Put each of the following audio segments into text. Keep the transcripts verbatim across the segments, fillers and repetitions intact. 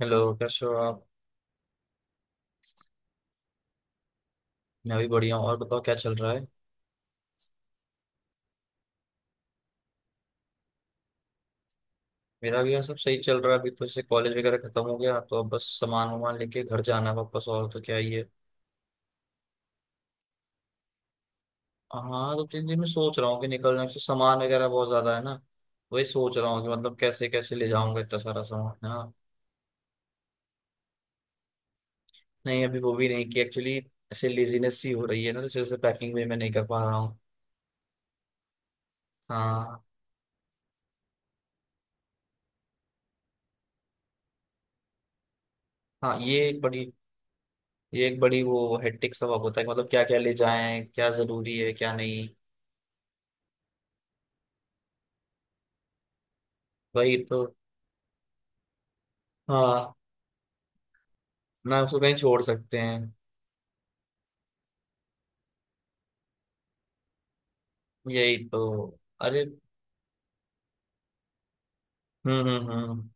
Hello कैसे हो आप। मैं भी बढ़िया हूँ, और बताओ क्या चल रहा है। मेरा भी यहाँ सब सही चल रहा है, अभी तो जैसे कॉलेज वगैरह खत्म हो गया तो अब बस सामान वामान लेके घर जाना है वापस, और तो क्या ही है। हाँ, दो तीन दिन में सोच रहा हूँ कि निकलना है। जैसे सामान वगैरह बहुत ज्यादा है ना, वही सोच रहा हूँ कि मतलब कैसे कैसे ले जाऊंगा इतना सारा सामान। हाँ। नहीं अभी वो भी नहीं कि एक्चुअली ऐसे लेजीनेस सी हो रही है ना, तो जैसे पैकिंग भी मैं नहीं कर पा रहा हूँ। हाँ। हाँ, ये एक बड़ी ये एक बड़ी वो हेक्टिक सबक होता है कि मतलब क्या क्या ले जाएं, क्या जरूरी है क्या नहीं। वही तो। हाँ, ना उसको कहीं छोड़ सकते हैं। यही तो। अरे। हम्म हम्म हम्म।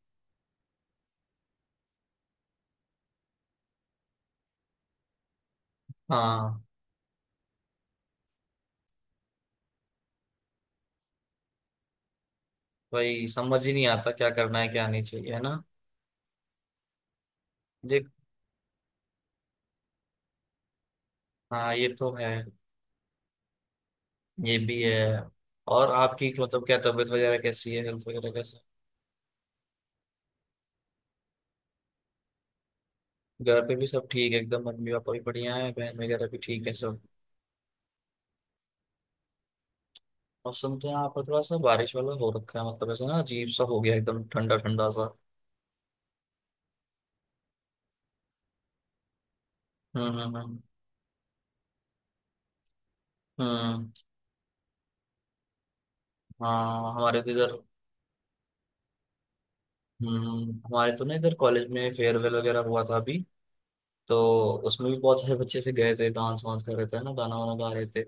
हाँ, वही समझ ही नहीं आता क्या करना है क्या नहीं चाहिए, है ना। देख। हाँ ये तो है। ये भी है। और आपकी मतलब क्या तबीयत वगैरह कैसी है, हेल्थ वगैरह कैसा है? घर पे भी सब ठीक है एकदम, मम्मी पापा भी बढ़िया है, बहन वगैरह भी ठीक है सब। और सुनते हैं यहाँ पर थोड़ा सा बारिश वाला हो रखा है, मतलब ऐसा ना अजीब सा हो गया, एकदम ठंडा ठंडा सा। हम्म हम्म हम्म हम्म। हाँ हमारे तो इधर। हम्म, हमारे तो ना इधर कॉलेज में फेयरवेल वगैरह हुआ था अभी, तो उसमें भी बहुत सारे बच्चे से गए थे, डांस वांस कर रहे थे ना, गाना वाना गा रहे थे।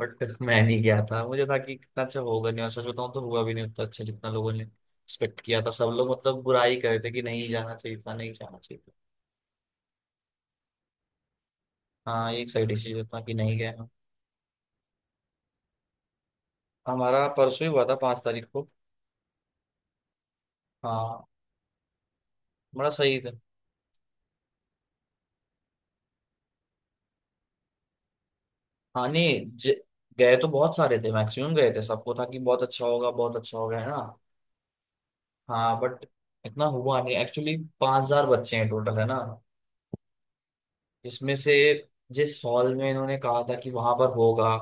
बट मैं नहीं गया था, मुझे था कि कितना अच्छा होगा नहीं, और सच बताऊं तो हुआ भी नहीं उतना अच्छा जितना लोगों ने एक्सपेक्ट किया था, सब लोग मतलब बुराई कर रहे थे कि नहीं जाना चाहिए था, नहीं जाना चाहिए था। हाँ ये एक सही डिसीजन था कि नहीं गया हम। हमारा परसों ही हुआ था, पांच तारीख को। हाँ। बड़ा सही था। हाँ, नहीं, ज- गए तो बहुत सारे थे, मैक्सिमम गए थे, सबको था कि बहुत अच्छा होगा बहुत अच्छा होगा है ना। हाँ बट इतना हुआ नहीं एक्चुअली, पांच हजार बच्चे हैं टोटल है ना। जिसमें से जिस हॉल में इन्होंने कहा था कि वहां पर होगा,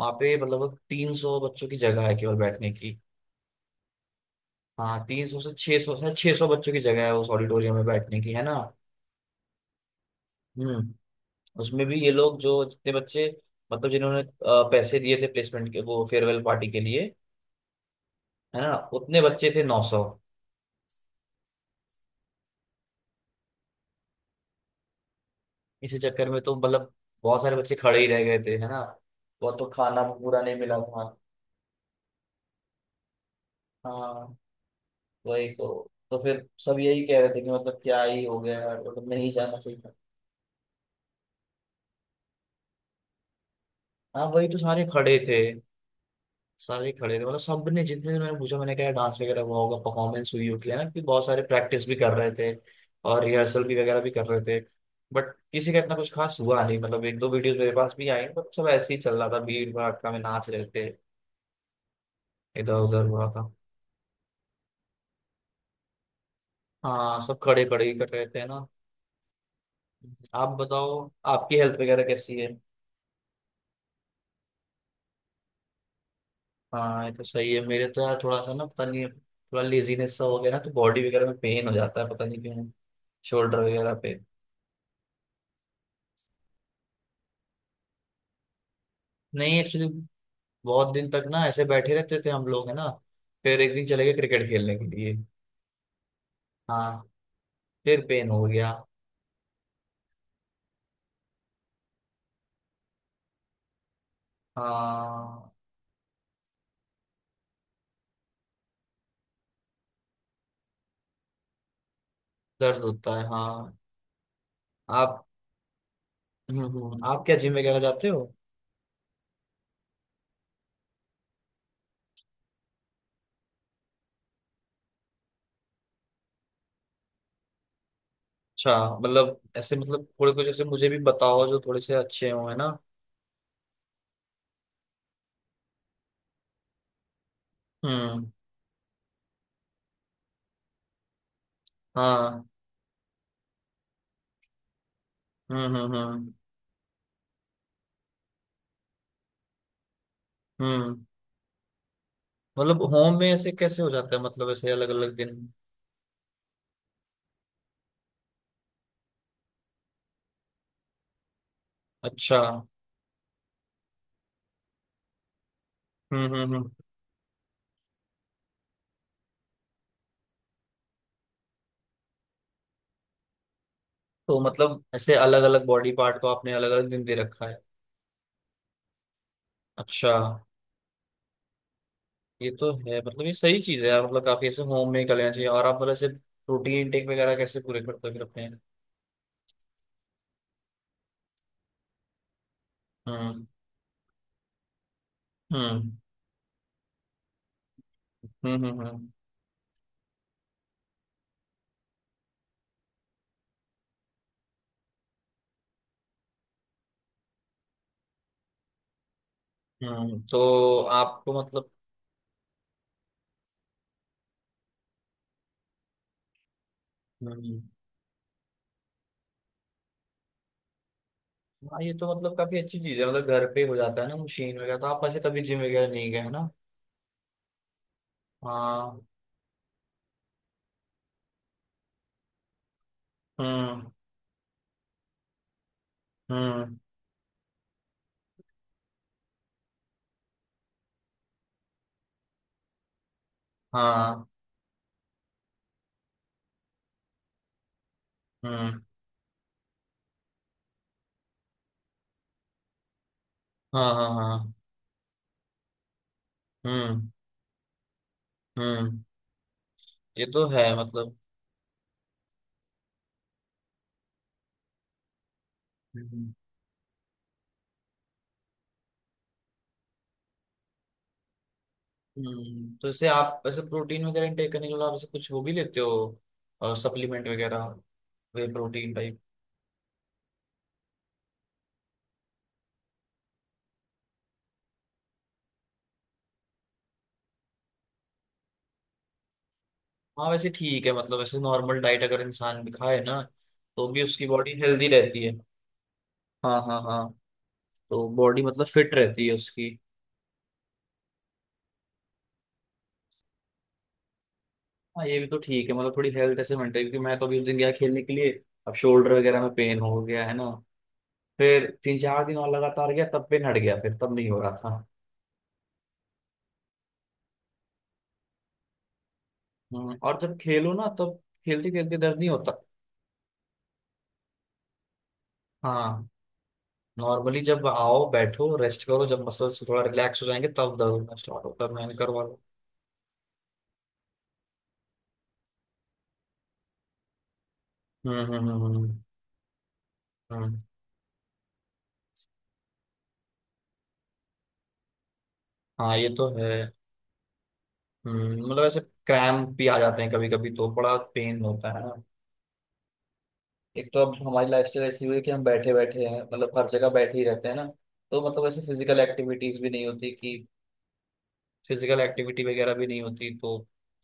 वहां पे मतलब तीन सौ बच्चों की जगह है केवल बैठने की। हाँ, तीन सौ से छह सौ से छह सौ बच्चों की जगह है उस ऑडिटोरियम में बैठने की, है ना। हम्म। उसमें भी ये लोग जो जितने बच्चे मतलब जिन्होंने अ, पैसे दिए थे प्लेसमेंट के, वो फेयरवेल पार्टी के लिए, है ना, उतने बच्चे थे नौ सौ। इसी चक्कर में तो मतलब बहुत सारे बच्चे खड़े ही रह गए थे, है ना। वो तो खाना भी पूरा नहीं मिला था। हाँ वही तो तो फिर सब यही कह रहे थे कि मतलब क्या ही हो गया यार, मतलब नहीं जाना चाहिए था। हाँ वही तो, सारे खड़े थे। सारे खड़े थे, मतलब सबने जितने से मैंने पूछा, मैंने कहा डांस वगैरह हुआ होगा, परफॉर्मेंस हुई होगी है ना, कि बहुत सारे प्रैक्टिस भी कर रहे थे, और रिहर्सल भी वगैरह भी कर रहे थे। बट किसी का इतना कुछ खास हुआ नहीं, मतलब एक दो वीडियोस मेरे पास भी आई बट सब ऐसे ही चल रहा था, भीड़ भड़का में नाच रहे थे, इधर उधर हुआ था। हाँ सब खड़े खड़े ही कर रहे थे ना। आप बताओ, आपकी हेल्थ वगैरह कैसी है। हाँ ये तो सही है, मेरे तो यार थोड़ा सा ना पता नहीं थोड़ा लेजीनेस सा हो गया ना, तो बॉडी वगैरह में पेन हो जाता है, पता नहीं क्यों, शोल्डर वगैरह पे। नहीं एक्चुअली बहुत दिन तक ना ऐसे बैठे रहते थे हम लोग है ना। फिर एक दिन चले गए क्रिकेट खेलने के लिए। हाँ। फिर पेन हो गया। हाँ दर्द होता है। हाँ। आप। हम्म हम्म, आप क्या जिम वगैरह जाते हो। अच्छा। मतलब ऐसे मतलब थोड़े कुछ ऐसे मुझे भी बताओ जो थोड़े से अच्छे हो है ना। हम्म। हाँ। हम्म हम्म हम्म। हम्म। मतलब होम में ऐसे कैसे हो जाता है, मतलब ऐसे अलग अलग दिन। अच्छा। हम्म हम्म हम्म। तो मतलब ऐसे अलग अलग बॉडी पार्ट को आपने अलग अलग दिन दे रखा है। अच्छा। ये तो है, मतलब ये सही चीज है यार, मतलब काफी ऐसे होम में ही कर लेना चाहिए। और आप मतलब ऐसे प्रोटीन इनटेक वगैरह कैसे पूरे करते हो फिर अपने। हम्म। हम्म। हम्म। हम्म। हम्म हम्म, तो आपको मतलब। हम्म। हाँ ये तो मतलब काफी अच्छी चीज है, मतलब घर पे हो जाता है ना मशीन वगैरह, तो आप ऐसे कभी जिम वगैरह नहीं गए है ना। हाँ। हम्म हम्म। हाँ। हम्म। हाँ हाँ हाँ हाँ। हम्म हम्म। ये तो है मतलब। हम्म। हम्म, तो जैसे आप वैसे प्रोटीन वगैरह इनटेक करने के बाद आप जैसे कुछ हो भी लेते हो और सप्लीमेंट वगैरह, वे प्रोटीन टाइप। हाँ वैसे ठीक है, मतलब वैसे नॉर्मल डाइट अगर इंसान भी खाए ना तो भी उसकी बॉडी हेल्दी रहती है। हाँ हाँ हाँ। तो बॉडी मतलब फिट रहती है उसकी। हाँ ये भी तो ठीक है, मतलब थोड़ी हेल्थ ऐसे मेंटेन, क्योंकि मैं तो अभी उस दिन गया खेलने के लिए, अब शोल्डर वगैरह में पेन हो गया है ना। फिर तीन चार दिन और लगातार गया तब पेन हट गया, फिर तब नहीं हो रहा। हम्म, और जब खेलो ना, तब खेलते खेलते दर्द नहीं होता। हाँ। नॉर्मली जब आओ बैठो रेस्ट करो, जब मसल्स थोड़ा रिलैक्स हो जाएंगे तब दर्द होना स्टार्ट होता है, मैंने करवा लो। हम्म हम्म हम्म हम्म, हम्म, हाँ ये तो है। हम्म, मतलब ऐसे क्रैम्प भी आ जाते हैं कभी कभी, तो बड़ा पेन होता है ना। एक तो अब हमारी लाइफस्टाइल ऐसी हुई है कि हम बैठे बैठे हैं, मतलब हर जगह बैठे ही रहते हैं ना, तो मतलब ऐसे फिजिकल एक्टिविटीज भी नहीं होती कि फिजिकल एक्टिविटी वगैरह भी नहीं होती, तो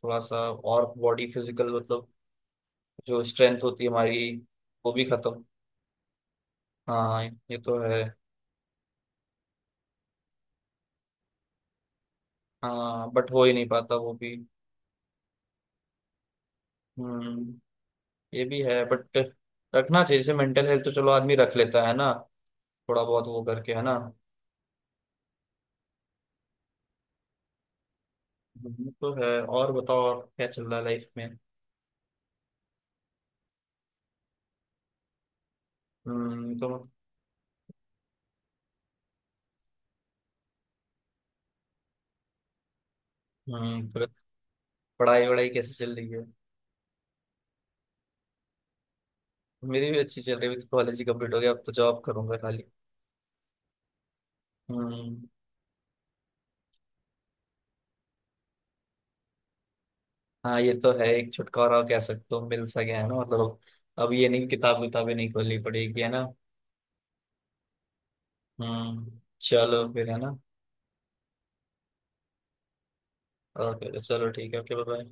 थोड़ा सा और बॉडी फिजिकल मतलब जो स्ट्रेंथ होती है हमारी वो भी खत्म। हाँ ये तो है। हाँ बट हो ही नहीं पाता वो भी। हम्म, ये भी है, बट रखना चाहिए, जैसे मेंटल हेल्थ तो चलो आदमी रख लेता है ना, थोड़ा बहुत वो करके है ना। हम्म, तो है। और बताओ और क्या चल रहा है लाइफ में। हम्म तो। हम्म, तो पढ़ाई वढ़ाई कैसे चल रही है। मेरी भी अच्छी चल रही है, अभी तो कॉलेज ही कंप्लीट हो गया, अब तो जॉब करूंगा खाली। हम्म। हाँ ये तो है, एक छुटकारा कह सकते हो मिल सा गया है ना, मतलब अब ये नहीं किताब किताबें नहीं खोलनी पड़ेगी है ना। हम्म। चलो फिर है ना। ओके चलो ठीक है, ओके बाय।